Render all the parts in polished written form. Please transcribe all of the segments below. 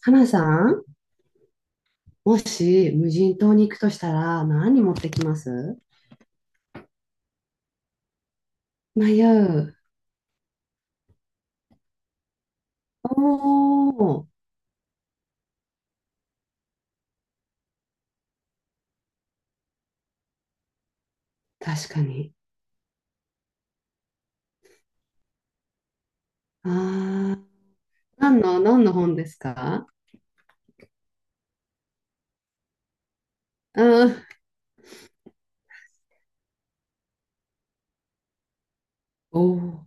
花さん、もし無人島に行くとしたら何持ってきます？迷う。おお、確かに。ああ、何の、何の本ですか？うん。おお、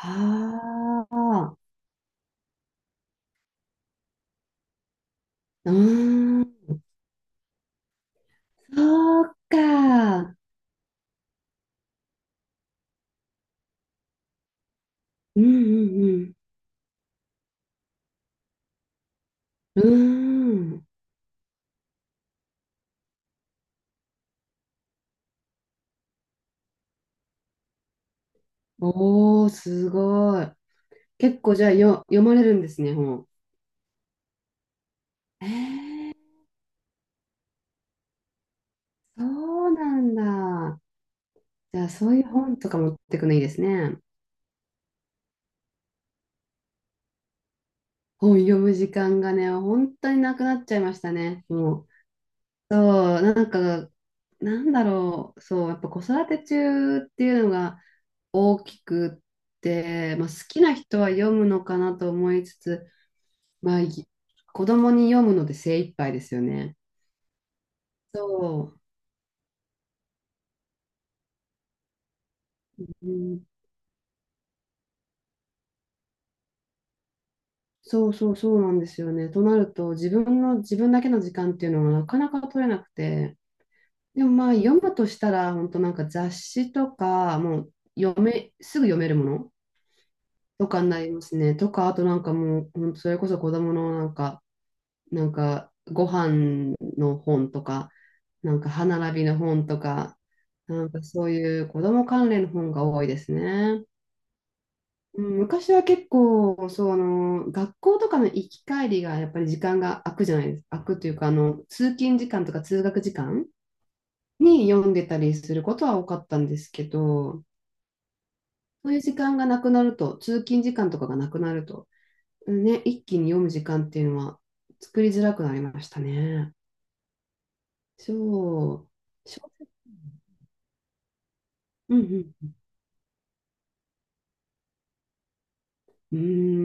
ああ、うーん、そうか。うんうんうん。うーん。おお、すごい。結構じゃあよ、読まれるんですね、本。えー、そうなんだ。じゃあ、そういう本とか持ってくのいいですね。本読む時間がね、本当になくなっちゃいましたね。もう。そう、そう、やっぱ子育て中っていうのが大きくって、まあ、好きな人は読むのかなと思いつつ、まあ、い子供に読むので精一杯ですよね。そう、うん、そうそうそうなんですよね。となると、自分の、自分だけの時間っていうのがなかなか取れなくて、でもまあ読むとしたら、本当なんか雑誌とか、もう読め、すぐ読めるものとかになりますね。とか、あとなんかもう、ほんとそれこそ子供のご飯の本とか、なんか歯並びの本とか、なんかそういう子供関連の本が多いですね。うん、昔は結構、そう、学校とかの行き帰りがやっぱり時間が空くじゃないですか。空くというか、通勤時間とか通学時間に読んでたりすることは多かったんですけど、そういう時間がなくなると、通勤時間とかがなくなると、ね、一気に読む時間っていうのは作りづらくなりましたね。そう。小説。うんうん。う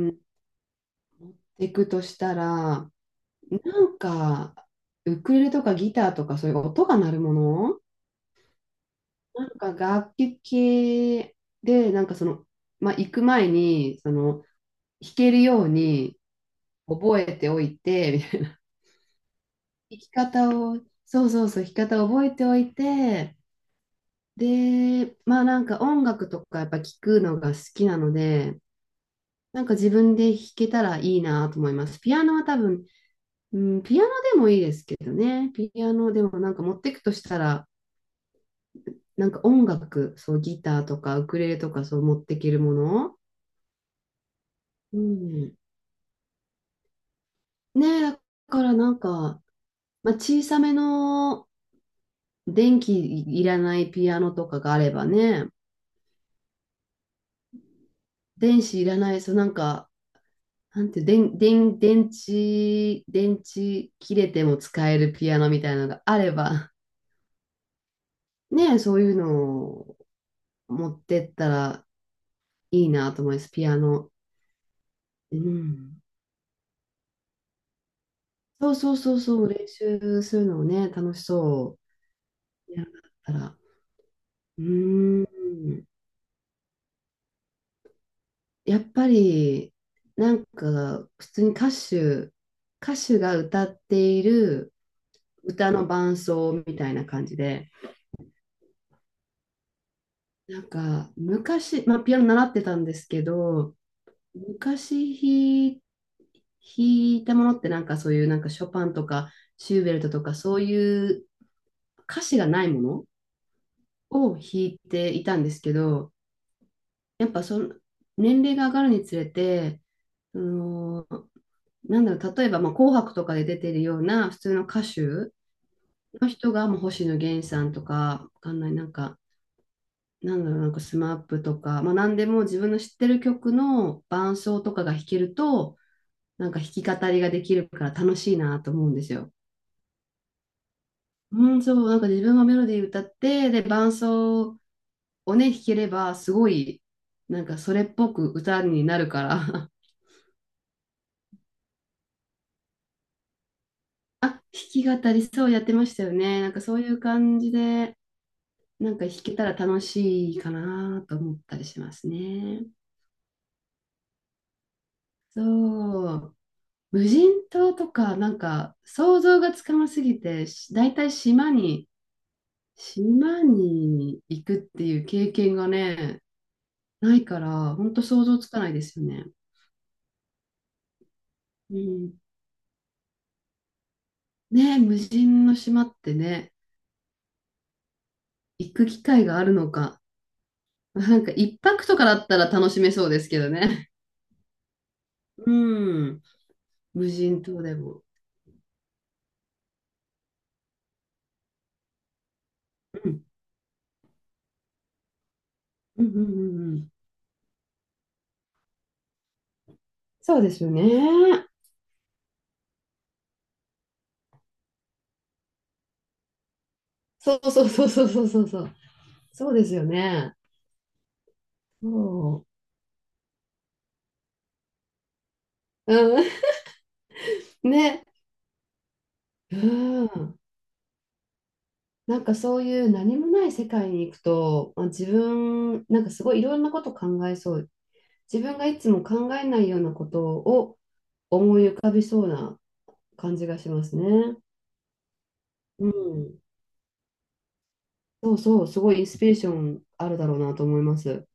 ーん。行くとしたら、なんか、ウクレレとかギターとかそういう音が鳴るもの、なんか楽器系で、まあ、行く前に、弾けるように覚えておいて、生き方を、そう、生き方を覚えておいて、で、まあなんか音楽とかやっぱ聞くのが好きなので、なんか自分で弾けたらいいなと思います。ピアノは多分、うん、ピアノでもいいですけどね、ピアノでもなんか持ってくとしたら、なんか音楽、そうギターとかウクレレとかそう持ってけるもの、うん、ねえ、だからなんか、まあ、小さめの電気いらないピアノとかがあればね、電子いらない、そうなんか、なんて、電池切れても使えるピアノみたいなのがあれば、ねえ、そういうのを持ってったらいいなと思います、ピアノ。うん。そう、練習するのをね、楽しそう。やるんだったら。うーん。やっぱり、普通に歌手、歌手が歌っている歌の伴奏みたいな感じで、なんか、昔、まあ、ピアノ習ってたんですけど、昔弾いたものってなんかそういうなんかショパンとかシューベルトとかそういう歌詞がないものを弾いていたんですけど、やっぱその年齢が上がるにつれて、そのなんだろう、例えばまあ紅白とかで出てるような普通の歌手の人がもう星野源さんとか、わかんない、なんかスマップとか、まあ、何でも自分の知ってる曲の伴奏とかが弾けると、なんか弾き語りができるから楽しいなと思うんですよ。うん、そう、なんか自分がメロディー歌って、で、伴奏をね、弾ければ、すごい、なんかそれっぽく歌になるから、あ、弾き語りそうやってましたよね。なんかそういう感じで、なんか弾けたら楽しいかなと思ったりしますね。そう。無人島とか、なんか想像がつかなすぎて、し大体島に、島に行くっていう経験がね、ないから、ほんと想像つかないですよね。うん。ねえ、無人の島ってね、行く機会があるのか。なんか一泊とかだったら楽しめそうですけどね。うん。無人島でも。うん。うんうんうんうん。そうですよね。そう。そうですよね。そう。うん。ね。うーん。なんかそういう何もない世界に行くと、まあ自分、なんかすごいいろんなこと考えそう。自分がいつも考えないようなことを思い浮かびそうな感じがしますね。うん。そうそう、すごいインスピレーションあるだろうなと思います。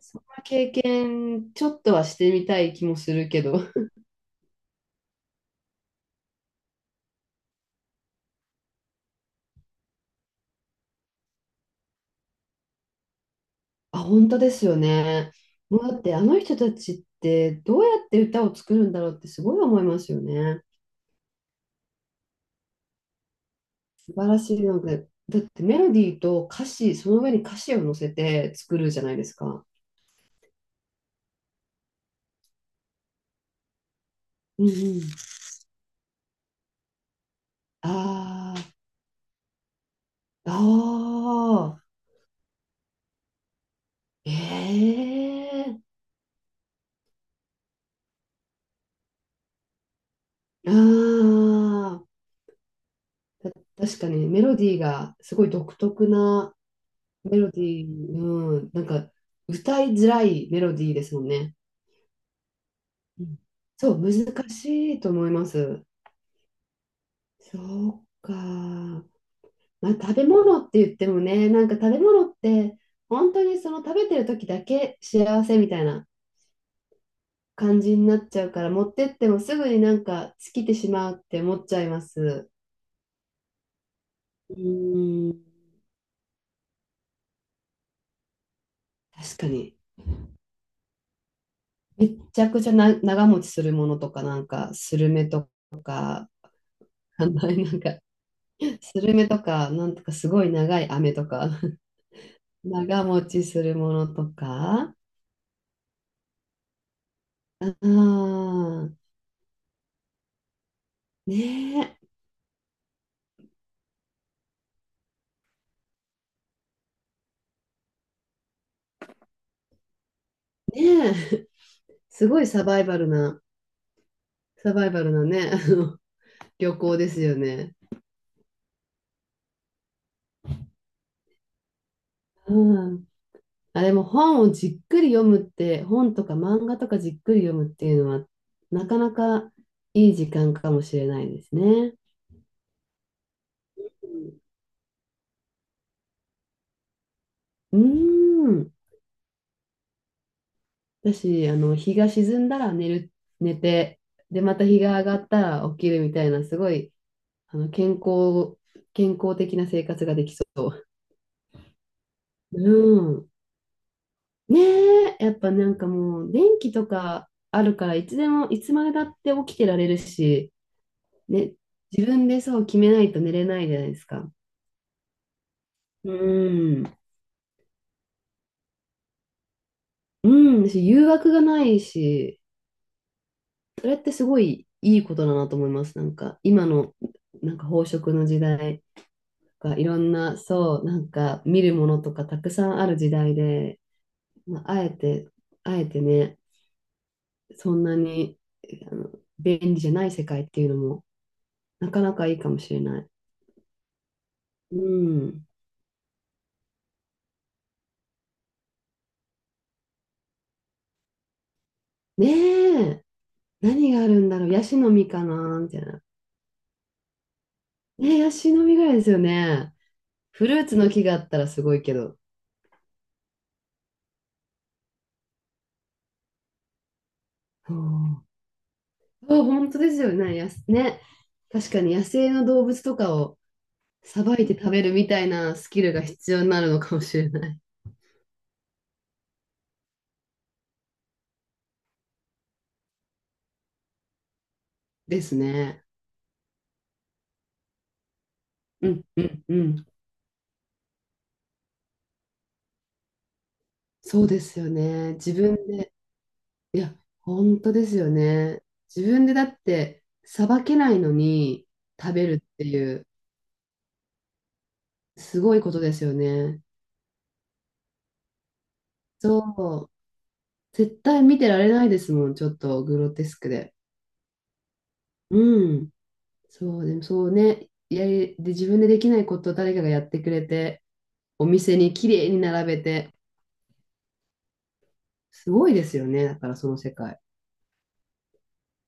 そんな経験、ちょっとはしてみたい気もするけど。あ、本当ですよね。もうだってあの人たちってどうやって歌を作るんだろうってすごい思いますよね。素晴らしいので、だってメロディーと歌詞、その上に歌詞を乗せて作るじゃないですか。うんうん。あー、あー、えー、あー、た確かにメロディーがすごい独特なメロディー、うん、なんか歌いづらいメロディーですもんね。うん、そう、難しいと思います。そうか。まあ、食べ物って言ってもね、なんか食べ物って、本当にその食べてる時だけ幸せみたいな感じになっちゃうから、持ってってもすぐになんか尽きてしまうって思っちゃいます。うーん、確かに。めちゃくちゃな長持ちするものとか、なんかスルメとか、なんかスルメとか、なんとかすごい長い飴とか、長持ちするものとか、ああ、ねえ、ねえ、すごいサバイバルな。サバイバルのね、あの旅行ですよね。うん。あれも本をじっくり読むって、本とか漫画とかじっくり読むっていうのは、なかなかいい時間かもしれないですね。うん。うーん、私、日が沈んだら寝る、寝て、で、また日が上がったら起きるみたいな、すごい、健康、健康的な生活ができそう。うん。ねえ、やっぱなんかもう電気とかあるからいつでもいつまでだって起きてられるし、ね、自分でそう決めないと寝れないじゃないですか。うん、うん、し誘惑がないし、それってすごいいいことだなと思います。なんか今のなんか飽食の時代とかいろんなそうなんか見るものとかたくさんある時代で、まあ、あえてね、そんなにあの便利じゃない世界っていうのもなかなかいいかもしれない。うん。ねえ、何があるんだろう。ヤシの実かなみたいな。ねえ、ヤシの実ぐらいですよね。フルーツの木があったらすごいけど。そう、本当ですよね。やすね。確かに野生の動物とかをさばいて食べるみたいなスキルが必要になるのかもしれないですね。うんうんうん。そうですよね。自分で、いや、本当ですよね。自分でだってさばけないのに食べるっていうすごいことですよね。そう。絶対見てられないですもん、ちょっとグロテスクで。うん。そう、でもそうね。やり、で、自分でできないことを誰かがやってくれて、お店に綺麗に並べて、すごいですよね。だからその世界。